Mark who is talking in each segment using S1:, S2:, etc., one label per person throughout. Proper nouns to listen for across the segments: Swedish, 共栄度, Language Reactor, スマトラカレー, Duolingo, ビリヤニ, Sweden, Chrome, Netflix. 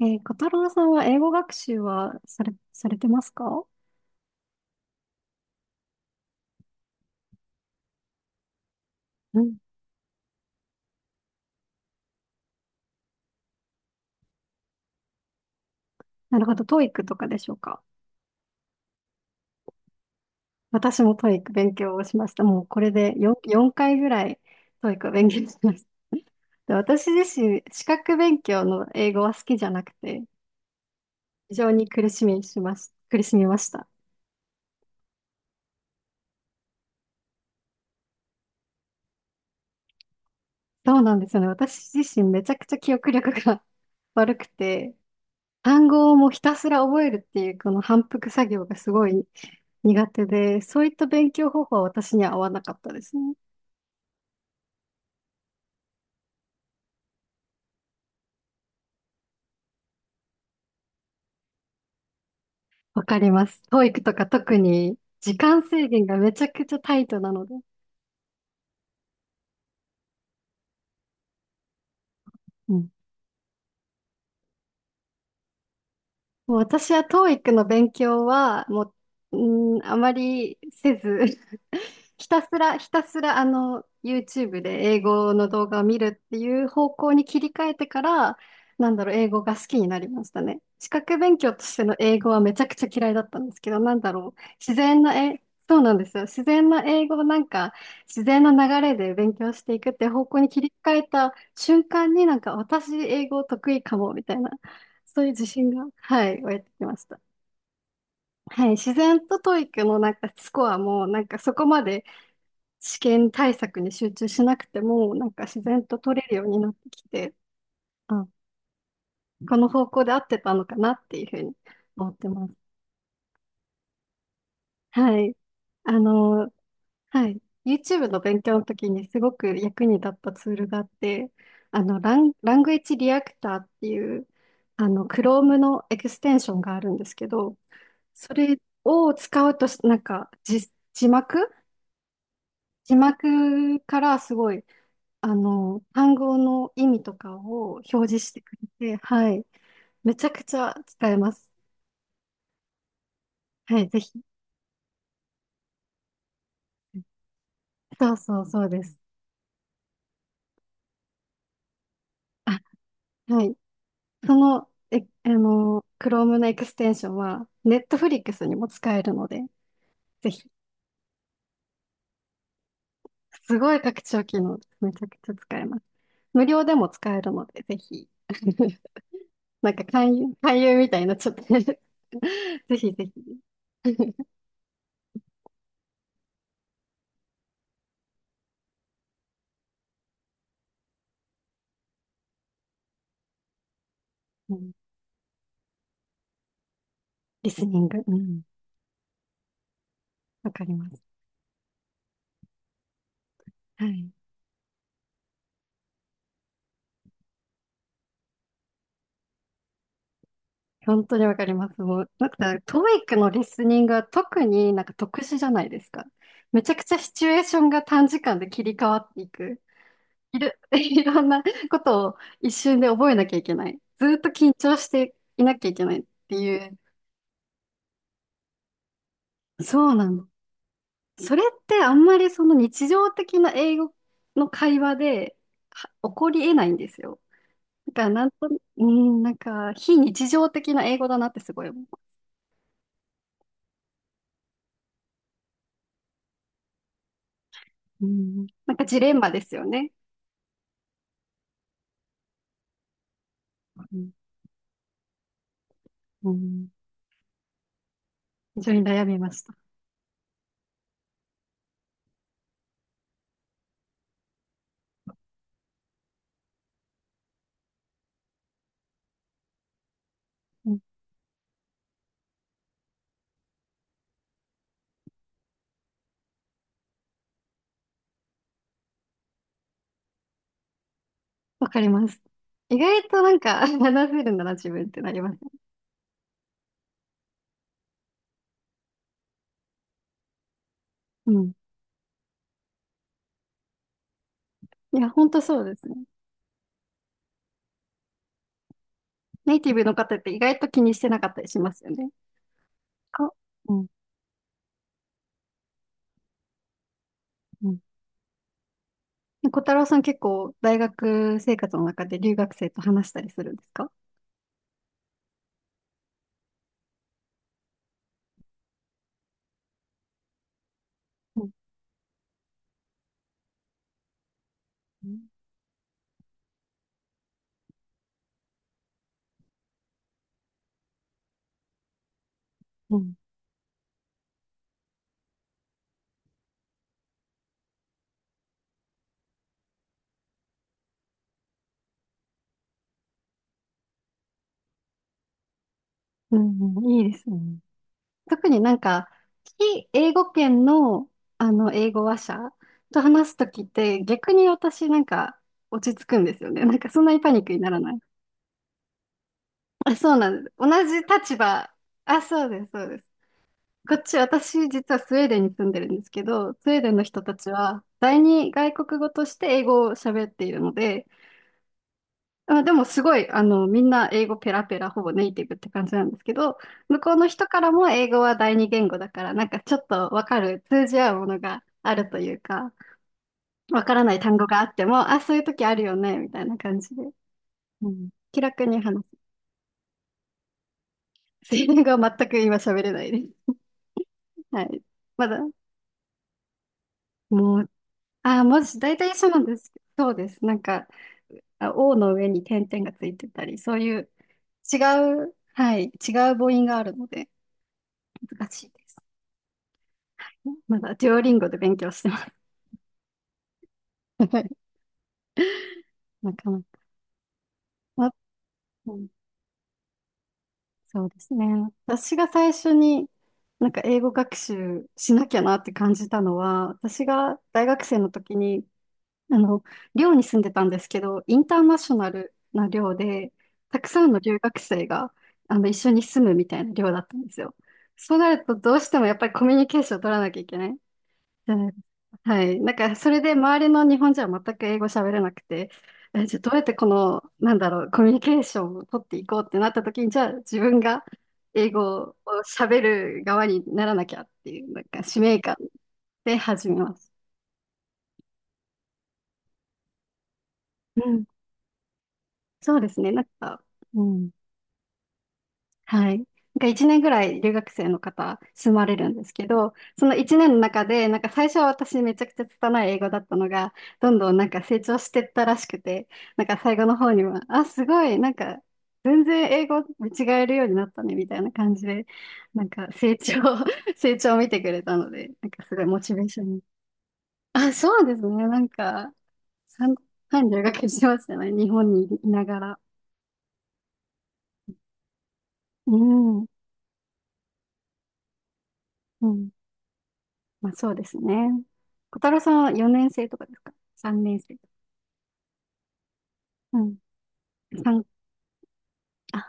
S1: 小太郎さんは英語学習はされてますか？うん。なるほど、トーイックとかでしょうか。私もトーイック勉強をしました。もうこれで4回ぐらいトーイックを勉強しました。で私自身、資格勉強の英語は好きじゃなくて、非常に苦しみました。そうなんですよね。私自身めちゃくちゃ記憶力が 悪くて、単語をもうひたすら覚えるっていうこの反復作業がすごい苦手で、そういった勉強方法は私には合わなかったですね。わかります。教育とか特に時間制限がめちゃくちゃタイトなので。うん。もう私は TOEIC の勉強は、もう、あまりせず ひたすら、ひたすら、YouTube で英語の動画を見るっていう方向に切り替えてから、なんだろう、英語が好きになりましたね。資格勉強としての英語はめちゃくちゃ嫌いだったんですけど、なんだろう、自然な、そうなんですよ。自然な英語をなんか、自然な流れで勉強していくって方向に切り替えた瞬間になんか、私英語得意かも、みたいな。そういう自信が、はい、湧いてきました。はい、自然とトイ e のなんかスコアも、なんかそこまで試験対策に集中しなくても、なんか自然と取れるようになってきて、あ、この方向で合ってたのかなっていうふうに思ってます。はい。あの、はい。YouTube の勉強の時にすごく役に立ったツールがあって、ラングエッジリアクターっていう、Chrome のエクステンションがあるんですけど、それを使うとなんか、字幕からすごい、単語の意味とかを表示してくれて、はい。めちゃくちゃ使えます。はい、ぜひ。そうそう、そうです。あ、はい。その、え、あの、Chrome のエクステンションは、Netflix にも使えるので、ぜひ。すごい拡張機能です。めちゃくちゃ使えます。無料でも使えるので、ぜひ。なんか勧誘みたいになっちゃって ぜひぜひ。うん、リスニング。うん。わかります。はい。本当にわかります。もう、なんか、トーイックのリスニングは特になんか特殊じゃないですか。めちゃくちゃシチュエーションが短時間で切り替わっていく。いろんなことを一瞬で覚えなきゃいけない。ずっと緊張していなきゃいけないっていう。そうなんそれってあんまりその日常的な英語の会話では起こり得ないんですよ。だからなんと、うん、なんか非日常的な英語だなってすごい思う。うん、なんかジレンマですよね。うんうん。非常に悩みました。うん。わかります。意外となんか 話せるなら自分ってなります。うん。いや、ほんとそうですね。ネイティブの方って意外と気にしてなかったりしますよね。か、うんうん。ね、小太郎さん結構大学生活の中で留学生と話したりするんですか？うんうんうんうん。いいですね。特になんか、非英語圏の、英語話者と話すときって、逆に私なんか落ち着くんですよね。なんかそんなにパニックにならない。あ、そうなんです。同じ立場。あ、そうです、そうです。こっち、私実はスウェーデンに住んでるんですけど、スウェーデンの人たちは、第二外国語として英語を喋っているので、あ、でもすごい、みんな英語ペラペラ、ほぼネイティブって感じなんですけど、向こうの人からも英語は第二言語だから、なんかちょっとわかる、通じ合うものがあるというか、わからない単語があっても、あ、そういう時あるよね、みたいな感じで。うん。気楽に話す。スイン語は全く今喋れないです。はい。まだ、もう、あ、文字、大体一緒なんですけど。そうです。なんか、あ O の上に点々がついてたり、そういう違う、はい、違う母音があるので、難しいです。まだ、デュオリンゴで勉強してます。なかなか。あ、うん、そうですね。私が最初に、なんか英語学習しなきゃなって感じたのは、私が大学生の時に、あの、寮に住んでたんですけど、インターナショナルな寮で、たくさんの留学生が、一緒に住むみたいな寮だったんですよ。そうなると、どうしてもやっぱりコミュニケーションを取らなきゃいけない。はい。なんか、それで周りの日本人は全く英語喋れなくて、え、じゃあどうやってこの、なんだろう、コミュニケーションを取っていこうってなった時に、じゃあ自分が英語を喋る側にならなきゃっていう、なんか使命感で始めます。うん。そうですね。なんか、うん。はい。なんか1年ぐらい留学生の方住まれるんですけど、その1年の中で、なんか最初は私めちゃくちゃ拙い英語だったのが、どんどんなんか成長してったらしくて、なんか最後の方には、あ、すごい、なんか全然英語見違えるようになったね、みたいな感じで、なんか成長、成長を見てくれたので、なんかすごいモチベーションに。あ、そうですね。なんか、半半留学してましたね。日本にいながら。うん。うん。まあそうですね。小太郎さんは4年生とかですか？ 3 年生とか。うん。三あ、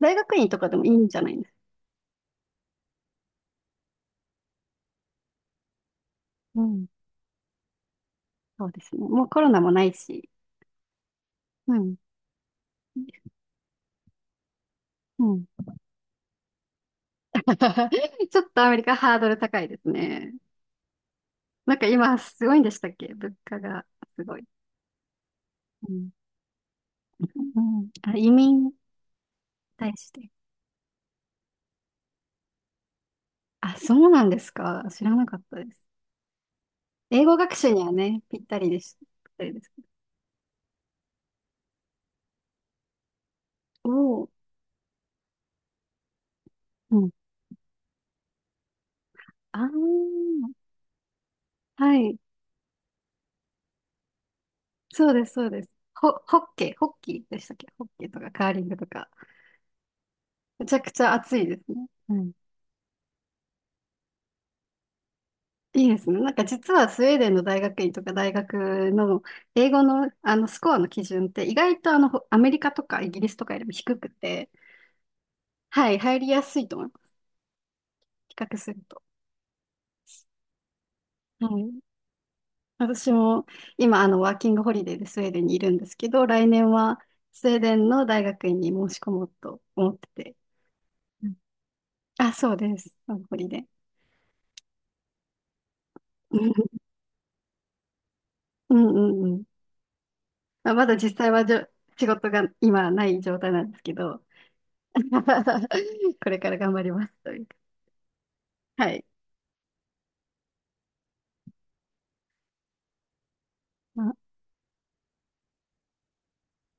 S1: 大学院とかでもいいんじゃないですか。うん。そうですね。もうコロナもないし。うん。うん。ちょっとアメリカハードル高いですね。なんか今すごいんでしたっけ物価が？すごい。うん。うん。あ、移民に対して。あ、そうなんですか。知らなかったです。英語学習にはね、ぴったりでした。ぴったりです。おお。うん。ああ。はい。そうです、そうです。ホッケー、ホッキーでしたっけ？ホッケーとかカーリングとか。めちゃくちゃ暑いですね。うん。いいですね。なんか実はスウェーデンの大学院とか大学の英語の、スコアの基準って意外とあのほアメリカとかイギリスとかよりも低くて、はい、入りやすいと思います。比較すると。はい。私も今ワーキングホリデーでスウェーデンにいるんですけど、来年はスウェーデンの大学院に申し込もうと思ってて。うん。あ、そうです。ワーキングホリデー。うんうんうん。まあ、まだ実際はじょ、仕事が今ない状態なんですけど、これから頑張りますというか。はい。